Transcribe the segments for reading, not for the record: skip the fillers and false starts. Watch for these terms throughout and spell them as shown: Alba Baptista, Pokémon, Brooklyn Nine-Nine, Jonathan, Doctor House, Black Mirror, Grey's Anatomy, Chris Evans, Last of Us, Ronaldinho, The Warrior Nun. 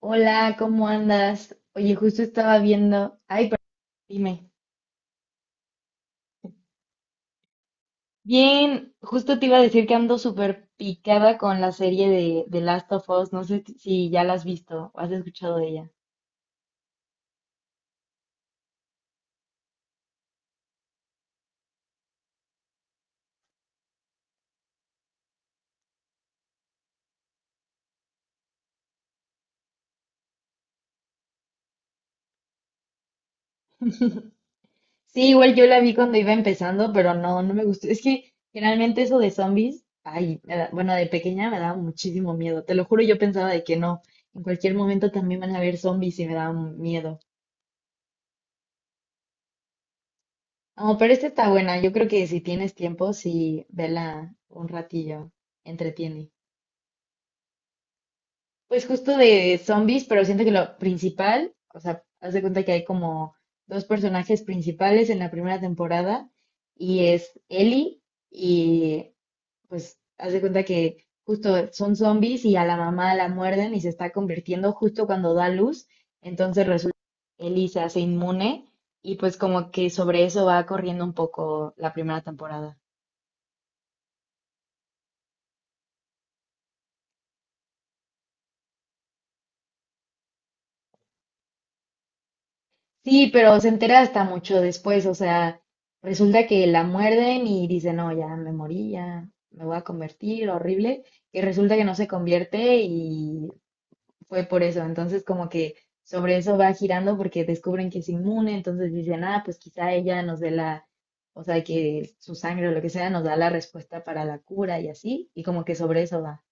Hola, ¿cómo andas? Oye, justo estaba viendo. Ay, pero dime. Bien, justo te iba a decir que ando súper picada con la serie de Last of Us. No sé si ya la has visto o has escuchado de ella. Sí, igual yo la vi cuando iba empezando, pero no me gustó. Es que generalmente eso de zombies, ay, bueno, de pequeña me daba muchísimo miedo. Te lo juro, yo pensaba de que no. En cualquier momento también van a haber zombies y me daba miedo. Oh, pero esta está buena. Yo creo que si tienes tiempo, sí, vela un ratillo. Entretiene. Pues justo de zombies, pero siento que lo principal, o sea, haz de cuenta que hay como dos personajes principales en la primera temporada y es Ellie y pues haz de cuenta que justo son zombies y a la mamá la muerden y se está convirtiendo justo cuando da luz. Entonces resulta que Ellie se hace inmune y pues como que sobre eso va corriendo un poco la primera temporada. Sí, pero se entera hasta mucho después, o sea, resulta que la muerden y dice, no, ya me morí, ya me voy a convertir, horrible, y resulta que no se convierte y fue por eso, entonces como que sobre eso va girando porque descubren que es inmune, entonces dicen, ah, pues quizá ella nos dé la, o sea, que su sangre o lo que sea nos da la respuesta para la cura y así, y como que sobre eso va.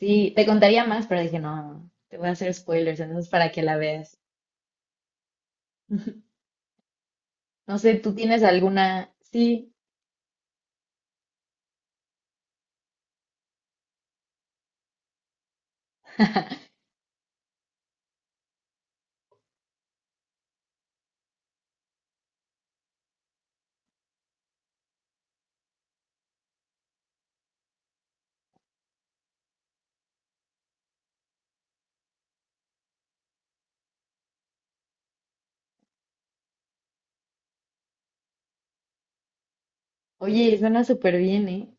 Sí, te contaría más, pero dije, no, te voy a hacer spoilers, entonces para que la veas. No sé, ¿tú tienes alguna? Sí, oye, suena súper bien, ¿eh?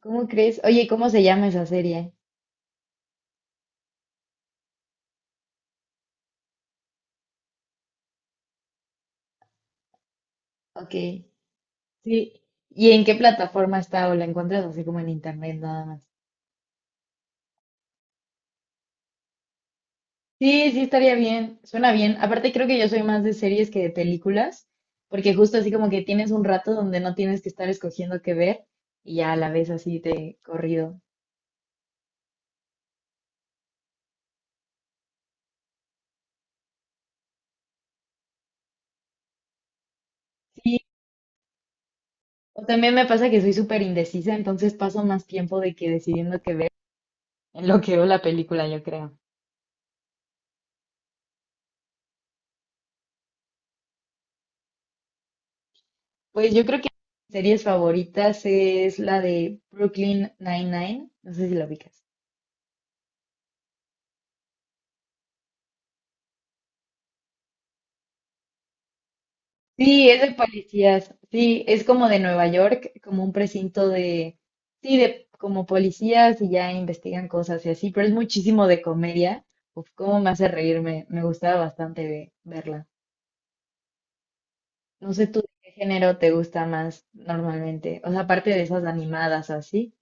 ¿Cómo crees? Oye, ¿cómo se llama esa serie? Ok, sí. ¿Y en qué plataforma está o la encuentras así como en internet nada más? Sí, sí, estaría bien, suena bien. Aparte creo que yo soy más de series que de películas, porque justo así como que tienes un rato donde no tienes que estar escogiendo qué ver y ya la ves así de corrido. Sí, o también me pasa que soy súper indecisa, entonces paso más tiempo de que decidiendo qué ver en lo que veo la película, yo creo. Pues yo creo que mis series favoritas es la de Brooklyn Nine-Nine. No sé si la ubicas. Sí, es de policías. Sí, es como de Nueva York, como un precinto de, sí, de como policías y ya investigan cosas y así, pero es muchísimo de comedia. Uf, cómo me hace reírme. Me gustaba bastante verla. No sé tú qué género te gusta más normalmente. O sea, aparte de esas animadas o así.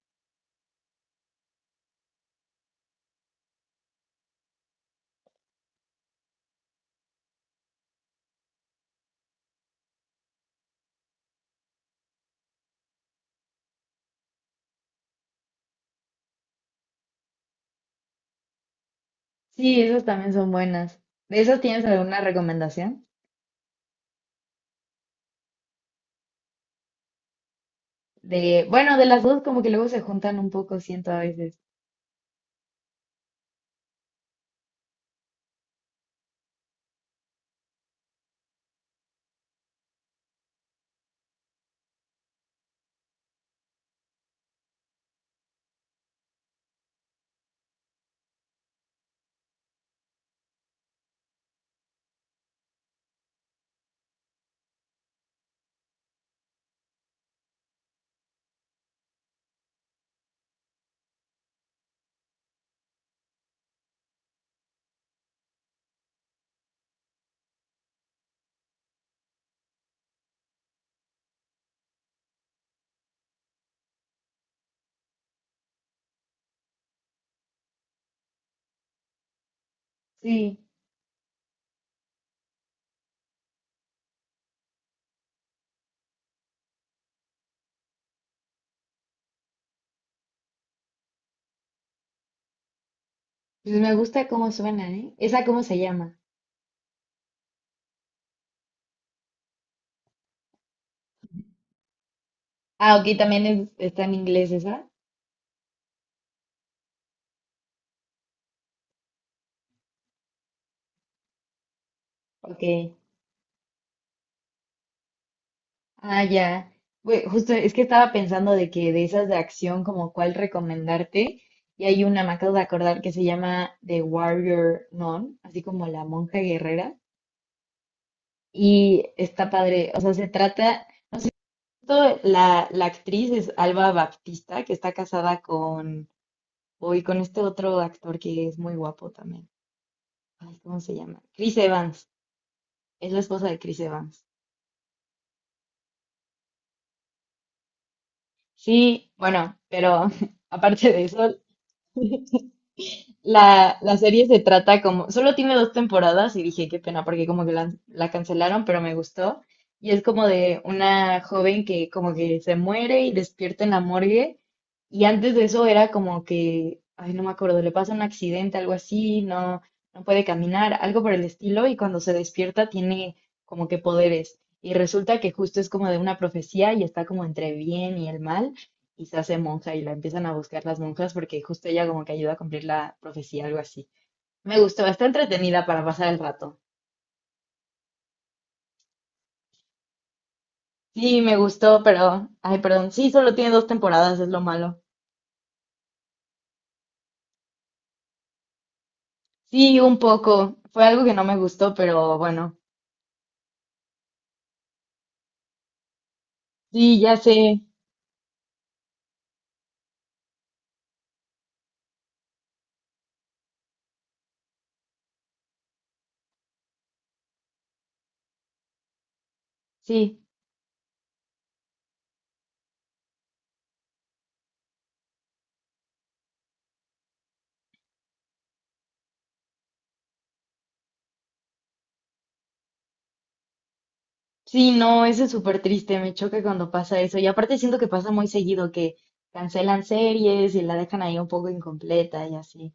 Sí, esas también son buenas. ¿De esas tienes alguna recomendación? De, bueno, de las dos como que luego se juntan un poco, siento a veces. Sí, pues me gusta cómo suena, ¿eh? ¿Esa cómo se llama? Ah, ok, también está en inglés esa. Ok. Ah, ya. Güey, justo es que estaba pensando de que de esas de acción, como cuál recomendarte. Y hay una, me acabo de acordar, que se llama The Warrior Nun, así como la monja guerrera. Y está padre, o sea, se trata, todo la actriz es Alba Baptista, que está casada con Uy, con este otro actor que es muy guapo también. Ay, ¿cómo se llama? Chris Evans. Es la esposa de Chris Evans. Sí, bueno, pero aparte de eso, la serie se trata como, solo tiene dos temporadas y dije, qué pena, porque como que la cancelaron, pero me gustó. Y es como de una joven que como que se muere y despierta en la morgue. Y antes de eso era como que, ay, no me acuerdo, le pasa un accidente, algo así, no, no puede caminar, algo por el estilo. Y cuando se despierta tiene como que poderes. Y resulta que justo es como de una profecía y está como entre bien y el mal y se hace monja y la empiezan a buscar las monjas porque justo ella como que ayuda a cumplir la profecía, algo así. Me gustó, está entretenida para pasar el rato. Sí, me gustó, pero, ay, perdón, sí, solo tiene dos temporadas, es lo malo. Sí, un poco, fue algo que no me gustó, pero bueno, sí, ya sé, sí, sí, no, eso es súper triste, me choca cuando pasa eso. Y aparte siento que pasa muy seguido, que cancelan series y la dejan ahí un poco incompleta y así.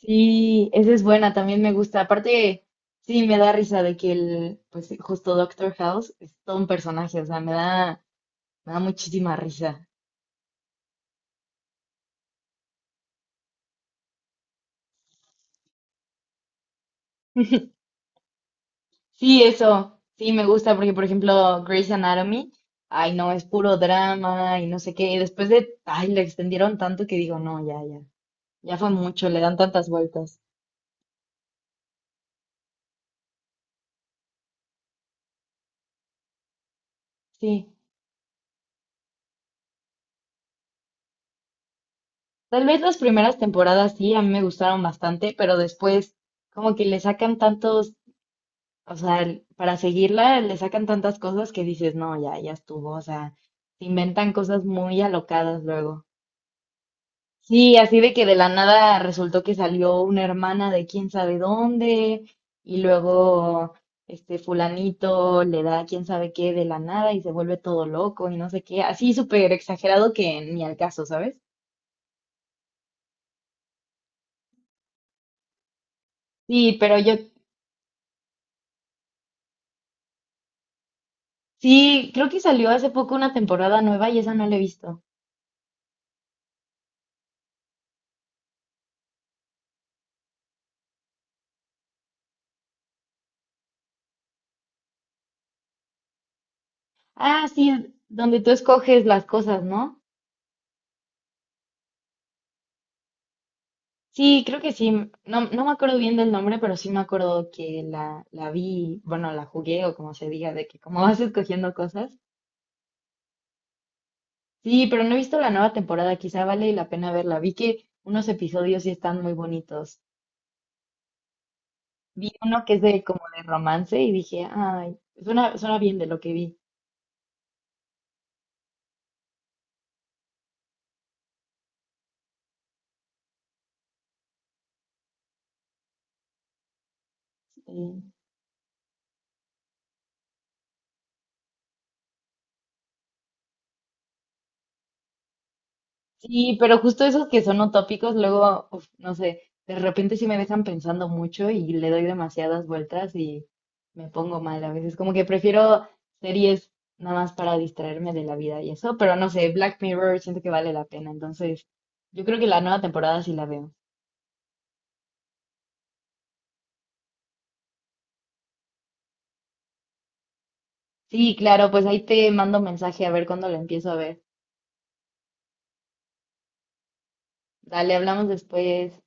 Sí, esa es buena, también me gusta. Aparte, sí, me da risa de que el, pues justo Doctor House es todo un personaje, o sea, me da muchísima risa. Sí, eso, sí, me gusta porque, por ejemplo, Grey's Anatomy, ay, no, es puro drama y no sé qué. Y después de, ay, le extendieron tanto que digo, no, ya, ya fue mucho, le dan tantas vueltas. Sí, tal vez las primeras temporadas sí, a mí me gustaron bastante, pero después como que le sacan tantos. O sea, para seguirla le sacan tantas cosas que dices, no, ya estuvo. O sea, se inventan cosas muy alocadas luego. Sí, así de que de la nada resultó que salió una hermana de quién sabe dónde y luego este fulanito le da quién sabe qué de la nada y se vuelve todo loco y no sé qué. Así súper exagerado que ni al caso, ¿sabes? Sí, pero yo sí, creo que salió hace poco una temporada nueva y esa no la he visto. Ah, sí, donde tú escoges las cosas, ¿no? Sí, creo que sí. No, no me acuerdo bien del nombre, pero sí me acuerdo que la vi, bueno, la jugué o como se diga, de que como vas escogiendo cosas. Sí, pero no he visto la nueva temporada, quizá vale la pena verla. Vi que unos episodios sí están muy bonitos. Vi uno que es de como de romance y dije, ay, suena, suena bien de lo que vi. Sí. Sí, pero justo esos que son utópicos, luego, uf, no sé, de repente sí me dejan pensando mucho y le doy demasiadas vueltas y me pongo mal a veces. Como que prefiero series nada más para distraerme de la vida y eso, pero no sé, Black Mirror siento que vale la pena, entonces yo creo que la nueva temporada sí la veo. Sí, claro, pues ahí te mando mensaje a ver cuándo la empiezo a ver. Dale, hablamos después.